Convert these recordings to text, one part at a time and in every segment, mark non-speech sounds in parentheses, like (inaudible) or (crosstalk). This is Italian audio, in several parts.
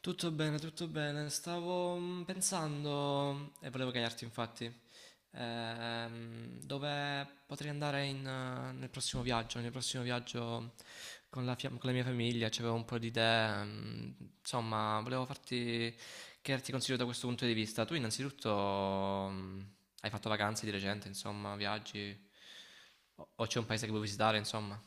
Tutto bene, tutto bene. Stavo pensando e volevo chiederti, infatti, dove potrei andare nel prossimo viaggio con con la mia famiglia, c'avevo un po' di idee, insomma, volevo farti chiederti consiglio da questo punto di vista. Tu innanzitutto mm, hai fatto vacanze di recente, insomma, viaggi o c'è un paese che vuoi visitare, insomma?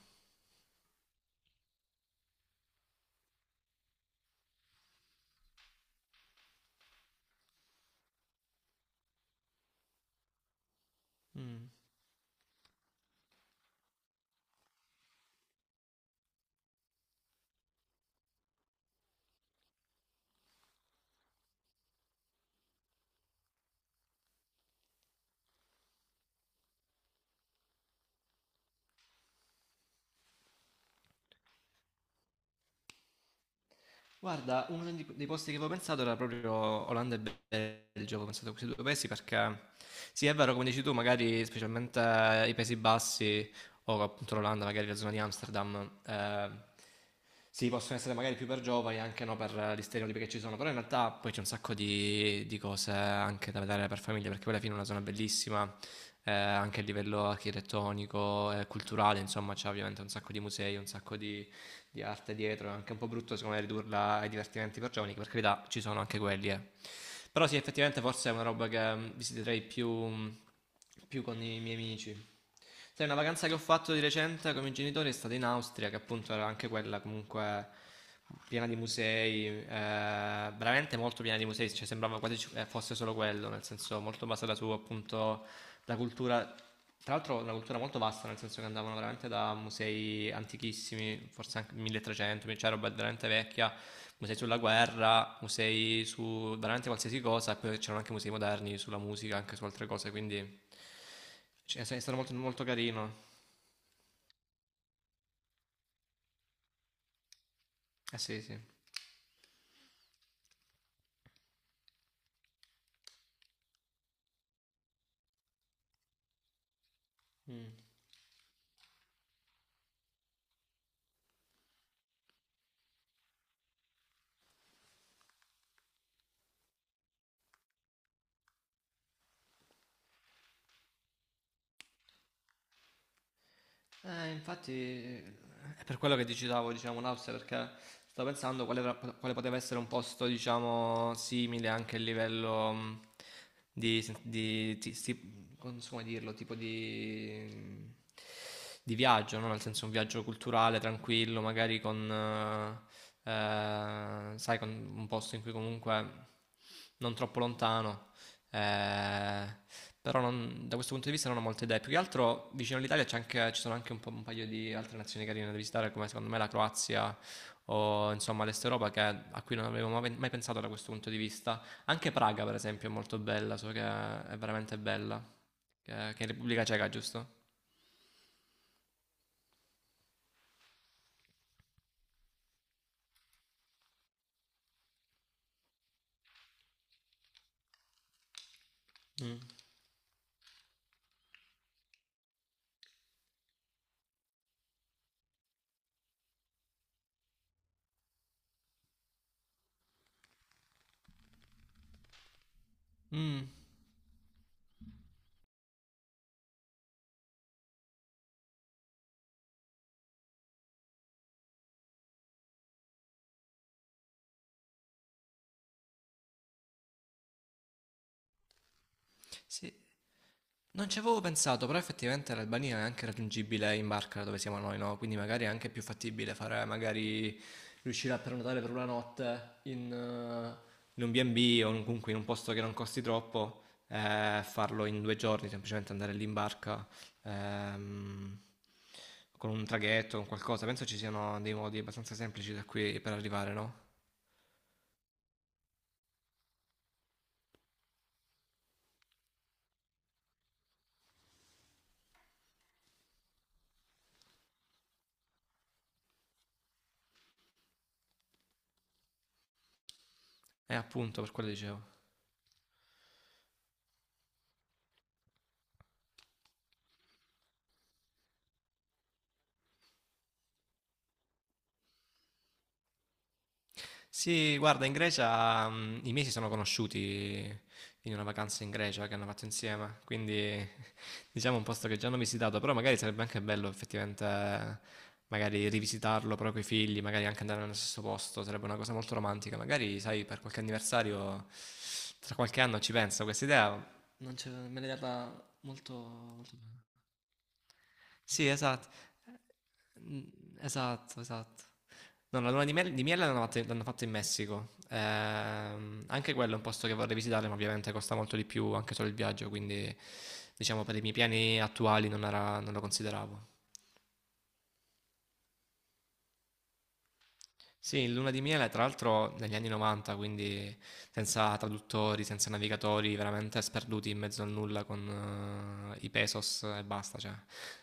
Mm. Guarda, dei posti che avevo pensato era proprio Olanda e Belgio, avevo pensato a questi due paesi perché sì, è vero, come dici tu, magari specialmente i Paesi Bassi o appunto l'Olanda, magari la zona di Amsterdam, sì, possono essere magari più per giovani, anche no per gli stereotipi che ci sono, però in realtà poi c'è un sacco di cose anche da vedere per famiglie, perché poi alla fine è una zona bellissima, anche a livello architettonico e culturale, insomma, c'è ovviamente un sacco di musei, un sacco di arte dietro, è anche un po' brutto secondo me ridurla ai divertimenti per giovani, che per carità ci sono anche quelli, eh. Però sì, effettivamente forse è una roba che visiterei più con i miei amici. Sai, una vacanza che ho fatto di recente con i miei genitori è stata in Austria, che appunto era anche quella comunque piena di musei, veramente molto piena di musei, cioè sembrava quasi fosse solo quello, nel senso molto basata su appunto la cultura, tra l'altro una cultura molto vasta, nel senso che andavano veramente da musei antichissimi, forse anche 1300, cioè roba veramente vecchia, musei sulla guerra, musei su veramente qualsiasi cosa, e poi c'erano anche musei moderni sulla musica, anche su altre cose, quindi cioè, è stato molto, molto carino. Eh sì, sì. Mm. Infatti è per quello che ti citavo, diciamo, l'Austria, perché stavo pensando quale, tra- quale poteva essere un posto, diciamo, simile anche a livello di, non so come dirlo, tipo di viaggio, no? Nel senso un viaggio culturale, tranquillo, magari sai, con un posto in cui comunque non troppo lontano eh, però da questo punto di vista non ho molte idee. Più che altro vicino all'Italia ci sono anche un paio di altre nazioni carine da visitare, come secondo me la Croazia o insomma l'Est Europa, a cui non avevo mai pensato da questo punto di vista. Anche Praga, per esempio, è molto bella, so che è veramente bella, che è in Repubblica Ceca, giusto? Mm. Mm, sì. Non ci avevo pensato, però effettivamente l'Albania è anche raggiungibile in barca da dove siamo noi, no? Quindi magari è anche più fattibile fare, magari riuscire a prenotare per una notte in un B&B o comunque in un posto che non costi troppo, farlo in 2 giorni, semplicemente andare lì in barca, ehm, con un traghetto, con qualcosa. Penso ci siano dei modi abbastanza semplici da qui per arrivare, no? E appunto, per quello dicevo. Sì, guarda, in Grecia i miei si sono conosciuti in una vacanza in Grecia che hanno fatto insieme, quindi (laughs) diciamo un posto che già hanno visitato, però magari sarebbe anche bello effettivamente magari rivisitarlo proprio con i figli, magari anche andare nello stesso posto, sarebbe una cosa molto romantica, magari sai per qualche anniversario tra qualche anno ci penso, questa idea non ce- me l'hai data molto, molto sì, esatto. Mm. Esatto, esatto. No, la luna di miele l'hanno fatta in Messico. Anche quello è un posto che vorrei visitare, ma ovviamente costa molto di più anche solo il viaggio, quindi diciamo per i miei piani attuali non lo consideravo. Sì, in Luna di Miele, tra l'altro negli anni 90, quindi senza traduttori, senza navigatori, veramente sperduti in mezzo al nulla con i pesos e basta. Cioè.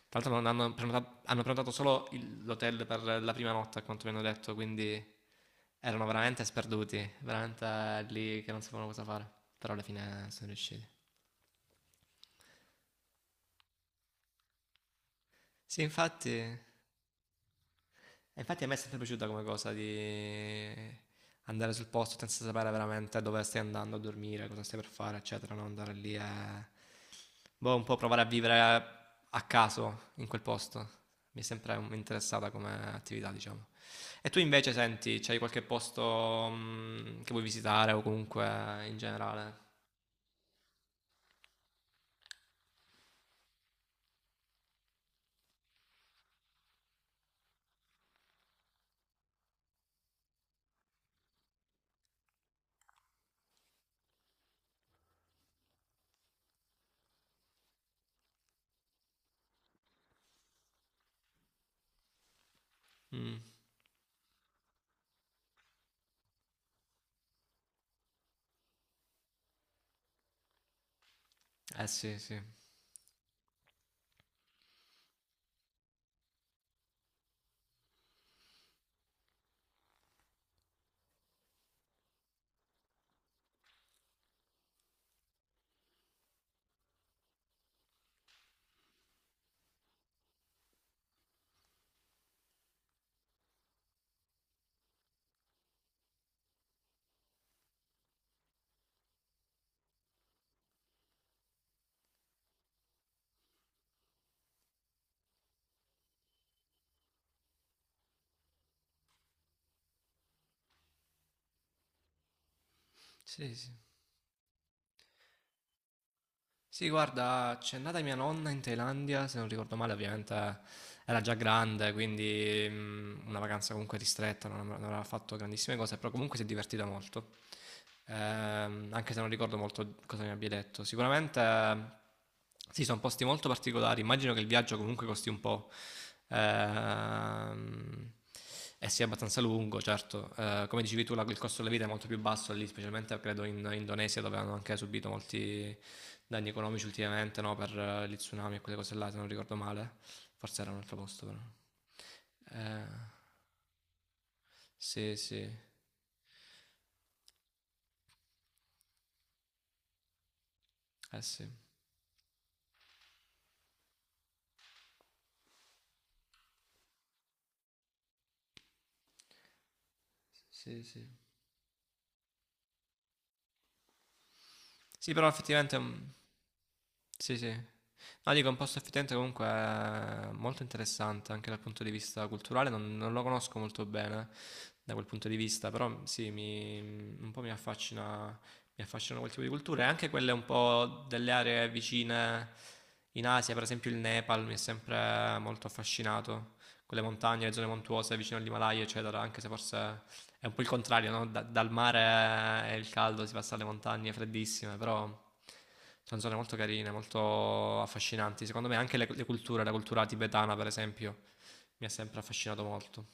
Tra l'altro non hanno hanno prenotato, solo l'hotel per la prima notte, a quanto mi hanno detto, quindi erano veramente sperduti, veramente lì che non sapevano cosa fare, però alla fine sono riusciti. Sì, infatti. E infatti a me è sempre piaciuta come cosa di andare sul posto senza sapere veramente dove stai andando a dormire, cosa stai per fare, eccetera, non andare lì e. Boh, un po' provare a vivere a caso in quel posto. Mi è sempre interessata come attività, diciamo. E tu invece senti, c'hai qualche posto che vuoi visitare o comunque in generale? Mm. Eh sì, sì. Sì, sì. Sì, guarda, c'è nata mia nonna in Thailandia, se non ricordo male, ovviamente era già grande, quindi una vacanza comunque ristretta, non aveva fatto grandissime cose, però comunque si è divertita molto anche se non ricordo molto cosa mi abbia detto. Sicuramente sì, sono posti molto particolari, immagino che il viaggio comunque costi un po'. Ehm, e sia abbastanza lungo, certo. Come dicevi tu, il costo della vita è molto più basso lì, specialmente credo in Indonesia, dove hanno anche subito molti danni economici ultimamente, no? Per gli tsunami e quelle cose là, se non ricordo male. Forse era un altro posto, però. Eh, sì, sì. Eh sì. Sì, sì. Sì, però effettivamente sì, sì. No, dico, un posto a Firenze comunque è molto interessante anche dal punto di vista culturale, non lo conosco molto bene, da quel punto di vista, però sì, un po' mi affascina, mi affascinano quel tipo di culture, e anche quelle un po' delle aree vicine in Asia, per esempio il Nepal mi è sempre molto affascinato, quelle montagne, le zone montuose vicino all'Himalaya, eccetera, anche se forse è un po' il contrario, no? Dal mare è il caldo, si passa alle montagne freddissime, però sono zone molto carine, molto affascinanti, secondo me anche le culture, la cultura tibetana per esempio, mi ha sempre affascinato molto.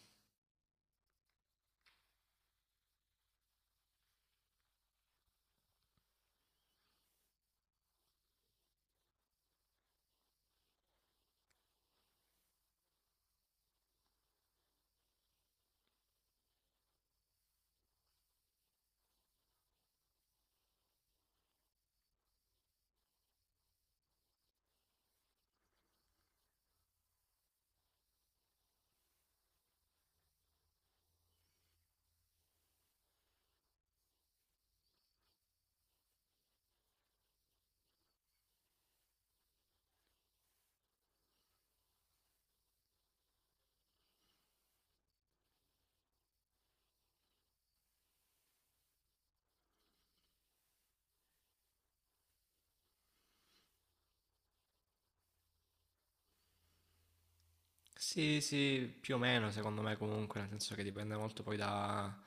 Sì, sì, più o meno secondo me comunque, nel senso che dipende molto poi da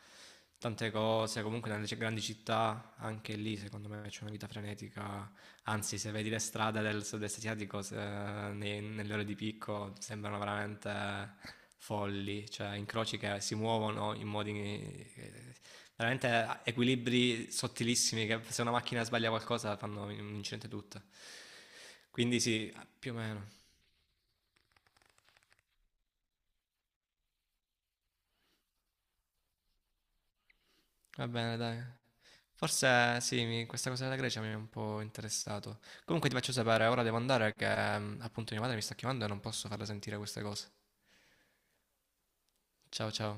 tante cose, comunque nelle grandi città anche lì secondo me c'è una vita frenetica, anzi se vedi le strade del sud-est asiatico nelle ore di picco sembrano veramente folli, cioè incroci che si muovono in modi veramente equilibri sottilissimi che se una macchina sbaglia qualcosa fanno un incidente tutta. Quindi sì, più o meno. Va bene, dai. Forse sì, questa cosa della Grecia mi è un po' interessato. Comunque ti faccio sapere, ora devo andare che appunto mia madre mi sta chiamando e non posso farle sentire queste cose. Ciao ciao.